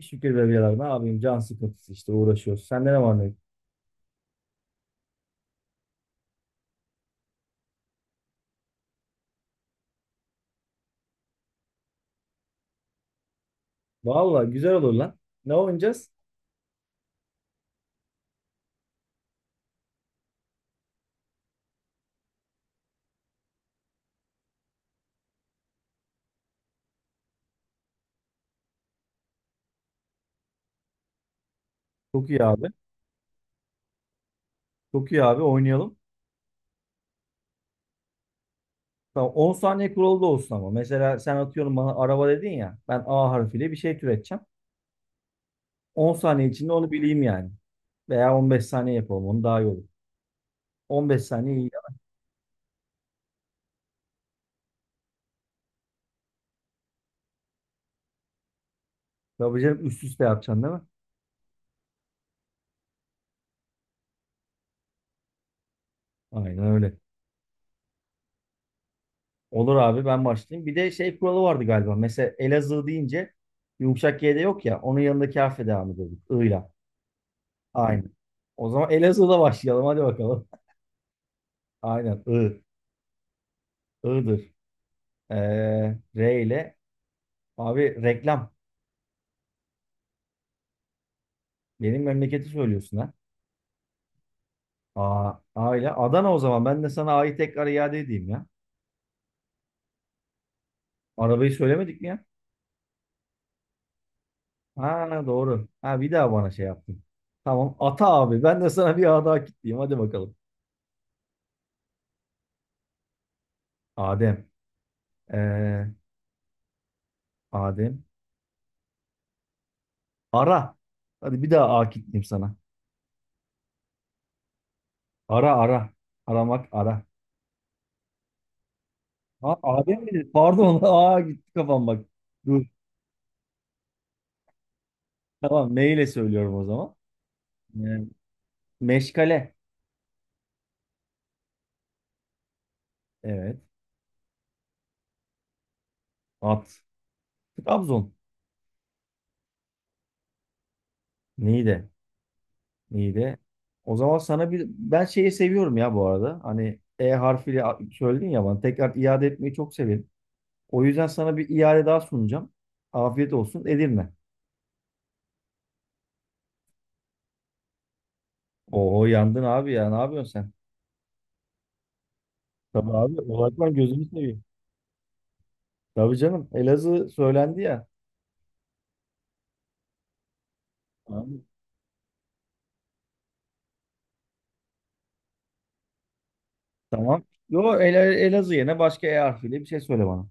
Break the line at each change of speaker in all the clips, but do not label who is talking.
Şükür be birader. Ne yapayım? Can sıkıntısı işte uğraşıyoruz. Sende ne var ne yok? Valla güzel olur lan. Ne oynayacağız? Çok iyi abi. Çok iyi abi oynayalım. Tamam 10 saniye kuralı da olsun ama. Mesela sen atıyorum bana araba dedin ya. Ben A harfiyle bir şey türeteceğim. 10 saniye içinde onu bileyim yani. Veya 15 saniye yapalım onu daha iyi olur. 15 saniye iyi yap. Tabii canım üst üste yapacaksın, değil mi? Aynen öyle. Olur abi, ben başlayayım. Bir de şey kuralı vardı galiba. Mesela Elazığ deyince yumuşak G'de yok ya. Onun yanındaki harfe devam ediyorduk. I'yla. Aynen. O zaman Elazığ'da başlayalım. Hadi bakalım. Aynen. I. I'dır. R ile. Abi, reklam. Benim memleketi söylüyorsun ha. A, A ile. Adana o zaman. Ben de sana A'yı tekrar iade edeyim ya. Arabayı söylemedik mi ya? Ha, doğru. Ha, bir daha bana şey yaptın. Tamam. Ata abi. Ben de sana bir A daha kitleyeyim. Hadi bakalım. Adem. Ee, Adem. Ara. Hadi bir daha A kitleyeyim sana. Ara ara. Aramak ara. Ha, Adem mi dedi? Pardon. Aa, gitti kafam bak. Dur. Tamam. Ne ile söylüyorum o zaman? Ee, meşgale. Evet. At. Trabzon. Niğde. Niğde. O zaman sana bir. Ben şeyi seviyorum ya bu arada. Hani E harfiyle söyledin ya bana. Tekrar iade etmeyi çok severim. O yüzden sana bir iade daha sunacağım. Afiyet olsun. Edirne. Oho, yandın abi ya. Ne yapıyorsun sen? Tabii abi. Olaklan gözünü seveyim. Tabii canım. Elazığ söylendi ya. Abi, tamam. Yo, Elazığ yerine başka E harfiyle bir şey söyle bana.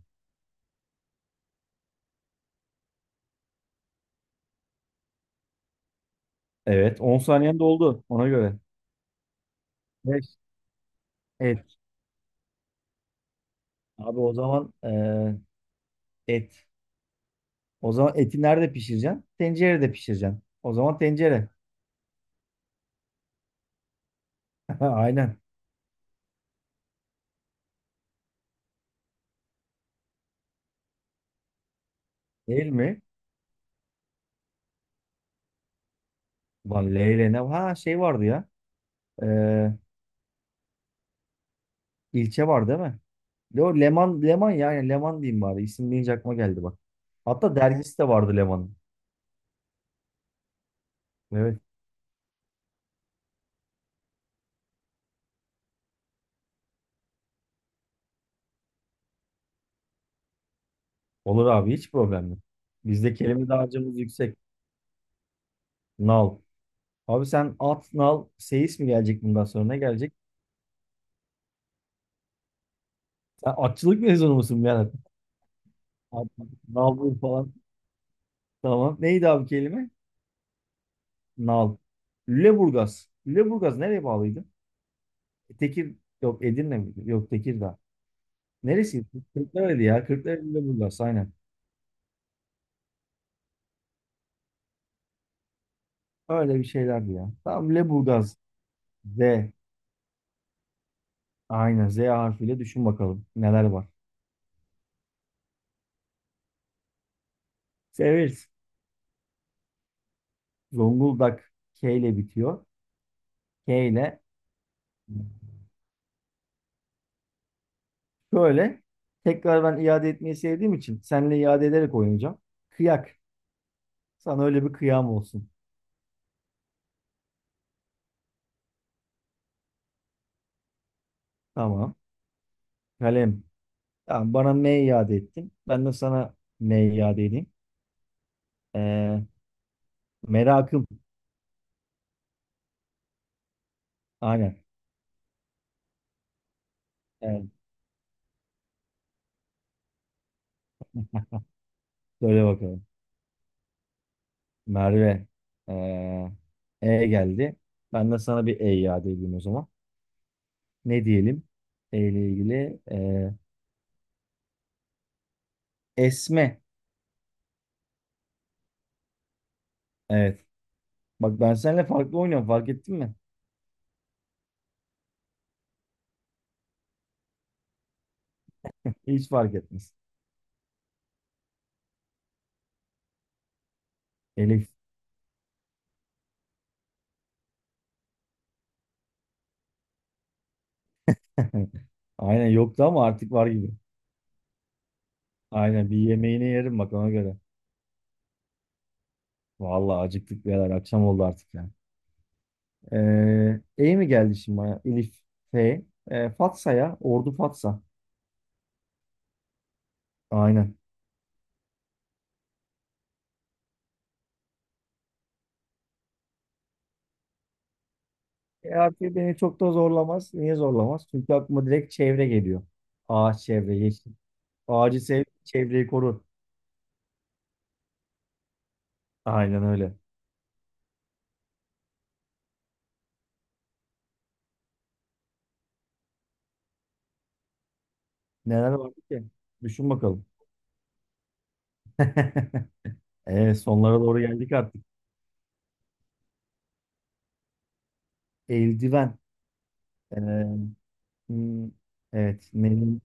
Evet. 10 saniyen doldu, ona göre. 5. Et. Abi, o zaman et. O zaman eti nerede pişireceksin? Tencerede pişireceksin. O zaman tencere. Aynen. Değil mi? Lan, Leyle ne? Ha, şey vardı ya. E, ilçe var değil mi? Yo, Leman, Leman ya. Yani Leman diyeyim bari. İsim deyince aklıma geldi bak. Hatta dergisi de vardı Leman'ın. Evet. Olur abi, hiç problem yok. Bizde kelime dağarcığımız yüksek. Nal. Abi, sen at, nal, seyis mi gelecek bundan sonra? Ne gelecek? Sen atçılık mezunu musun Berat? At, nal, bul falan. Tamam. Neydi abi kelime? Nal. Lüleburgaz. Lüleburgaz nereye bağlıydı? E, Tekir. Yok, Edirne miydi? Yok, Tekirdağ. Neresi? Kırklareli ya. Kırklareli, Lüleburgaz. Aynen. Öyle bir şeylerdi ya. Tamam, Lüleburgaz. Z. Aynen. Z harfiyle düşün bakalım, neler var. Severiz. Zonguldak. K ile bitiyor. K ile şöyle tekrar, ben iade etmeyi sevdiğim için seninle iade ederek oynayacağım. Kıyak. Sana öyle bir kıyam olsun. Tamam. Kalem. Tamam, bana M iade ettin. Ben de sana M iade edeyim. Ee, merakım. Aynen. Evet, söyle bakalım. Merve. Ee, E geldi. Ben de sana bir E iade edeyim o zaman. Ne diyelim? E ile ilgili. Esme. Evet. Bak, ben seninle farklı oynuyorum. Fark ettin mi? Hiç fark etmez. Elif. Aynen, yoktu ama artık var gibi. Aynen, bir yemeğini yerim bak, ona göre. Vallahi acıktık birader, akşam oldu artık ya. E mi geldi şimdi bana? Elif. F. Fatsa ya. Ordu Fatsa. Aynen. E, artık beni çok da zorlamaz. Niye zorlamaz? Çünkü aklıma direkt çevre geliyor. Ağaç, çevre, yeşil. Ağacı sev, çevreyi koru. Aynen öyle. Neler vardı ki? Düşün bakalım. Sonlara doğru geldik artık. Eldiven. Ee, hmm, evet. Menü.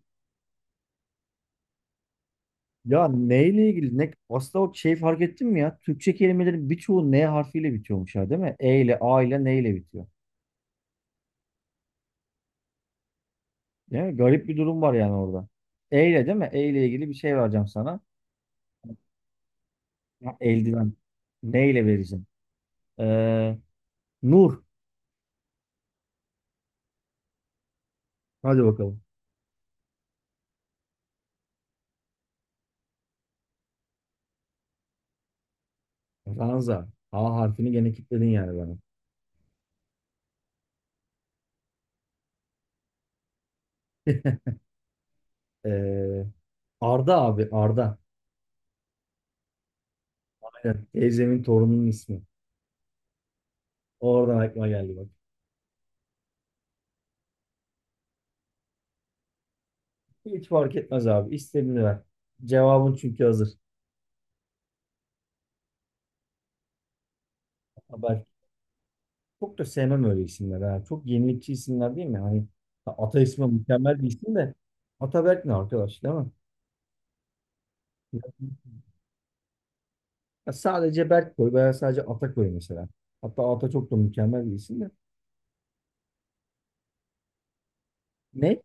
Ya, neyle ilgili? Ne, aslında o şey, fark ettin mi ya? Türkçe kelimelerin birçoğu N harfiyle bitiyormuş ya, değil mi? E ile, A ile, N ile bitiyor. Değil mi? Garip bir durum var yani orada. E ile değil mi? E ile ilgili bir şey vereceğim sana. Ya, eldiven. Ne ile vereceğim? Ee, Nur. Hadi bakalım. Ranza. A harfini gene kilitledin yani bana. Ee, Arda abi. Arda. Aynen. Teyzemin torununun ismi. Oradan aklıma geldi bak. Hiç fark etmez abi. İstediğini ver. Cevabın çünkü hazır. Haber. Çok da sevmem öyle isimler. Ha. Çok yenilikçi isimler değil mi? Hani Ata ismi mükemmel bir isim de Ataberk ne arkadaş, değil mi? Ya sadece Berk koy veya sadece Ata koy mesela. Hatta Ata çok da mükemmel bir isim de. Ne?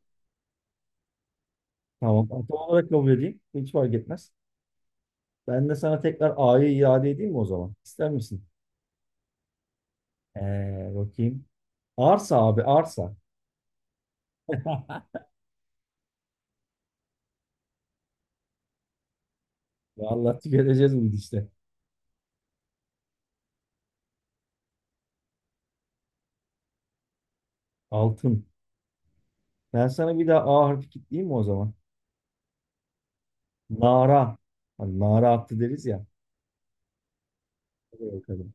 Tamam, Ata olarak kabul edeyim. Hiç fark etmez. Ben de sana tekrar A'yı iade edeyim mi o zaman? İster misin? Bakayım. Arsa abi, arsa. Vallahi tüketeceğiz bu işte. Altın. Ben sana bir daha A harfi kilitleyeyim mi o zaman? Nara. Hani nara attı deriz ya. Hadi bakalım.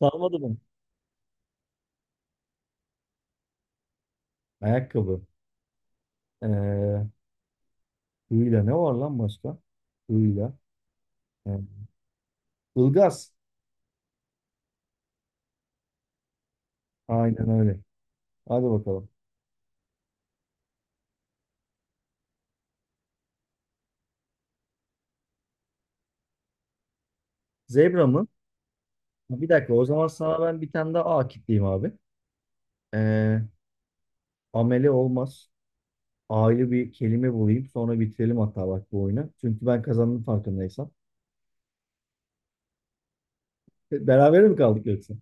Sarmadı mı? Ayakkabı. Ee, hıyla ne var lan başka? Hıyla. Ee, ılgaz. Aynen öyle. Hadi bakalım. Zebra mı? Ha, bir dakika. O zaman sana ben bir tane daha A kitleyeyim abi. Ee, ameli olmaz. A'yı bir kelime bulayım. Sonra bitirelim hatta bak bu oyunu. Çünkü ben kazandım farkındaysam. Beraber mi kaldık yoksa?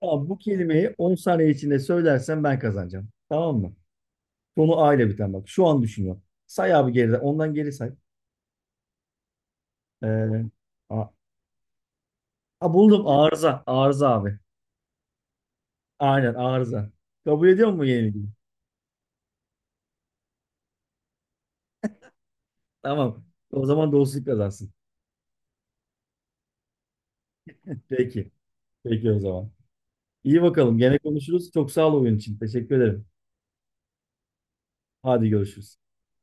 Tamam, bu kelimeyi 10 saniye içinde söylersen ben kazanacağım. Tamam mı? Sonu A ile biten bak. Şu an düşünüyorum. Say abi geriden. Ondan geri say. Ee, a, a, buldum, arıza. Arıza abi. Aynen, arıza. Kabul ediyor mu yenilgiyi? Tamam. O zaman dostluk kazansın. Peki. Peki o zaman. İyi bakalım. Gene konuşuruz. Çok sağ ol oyun için. Teşekkür ederim. Hadi görüşürüz.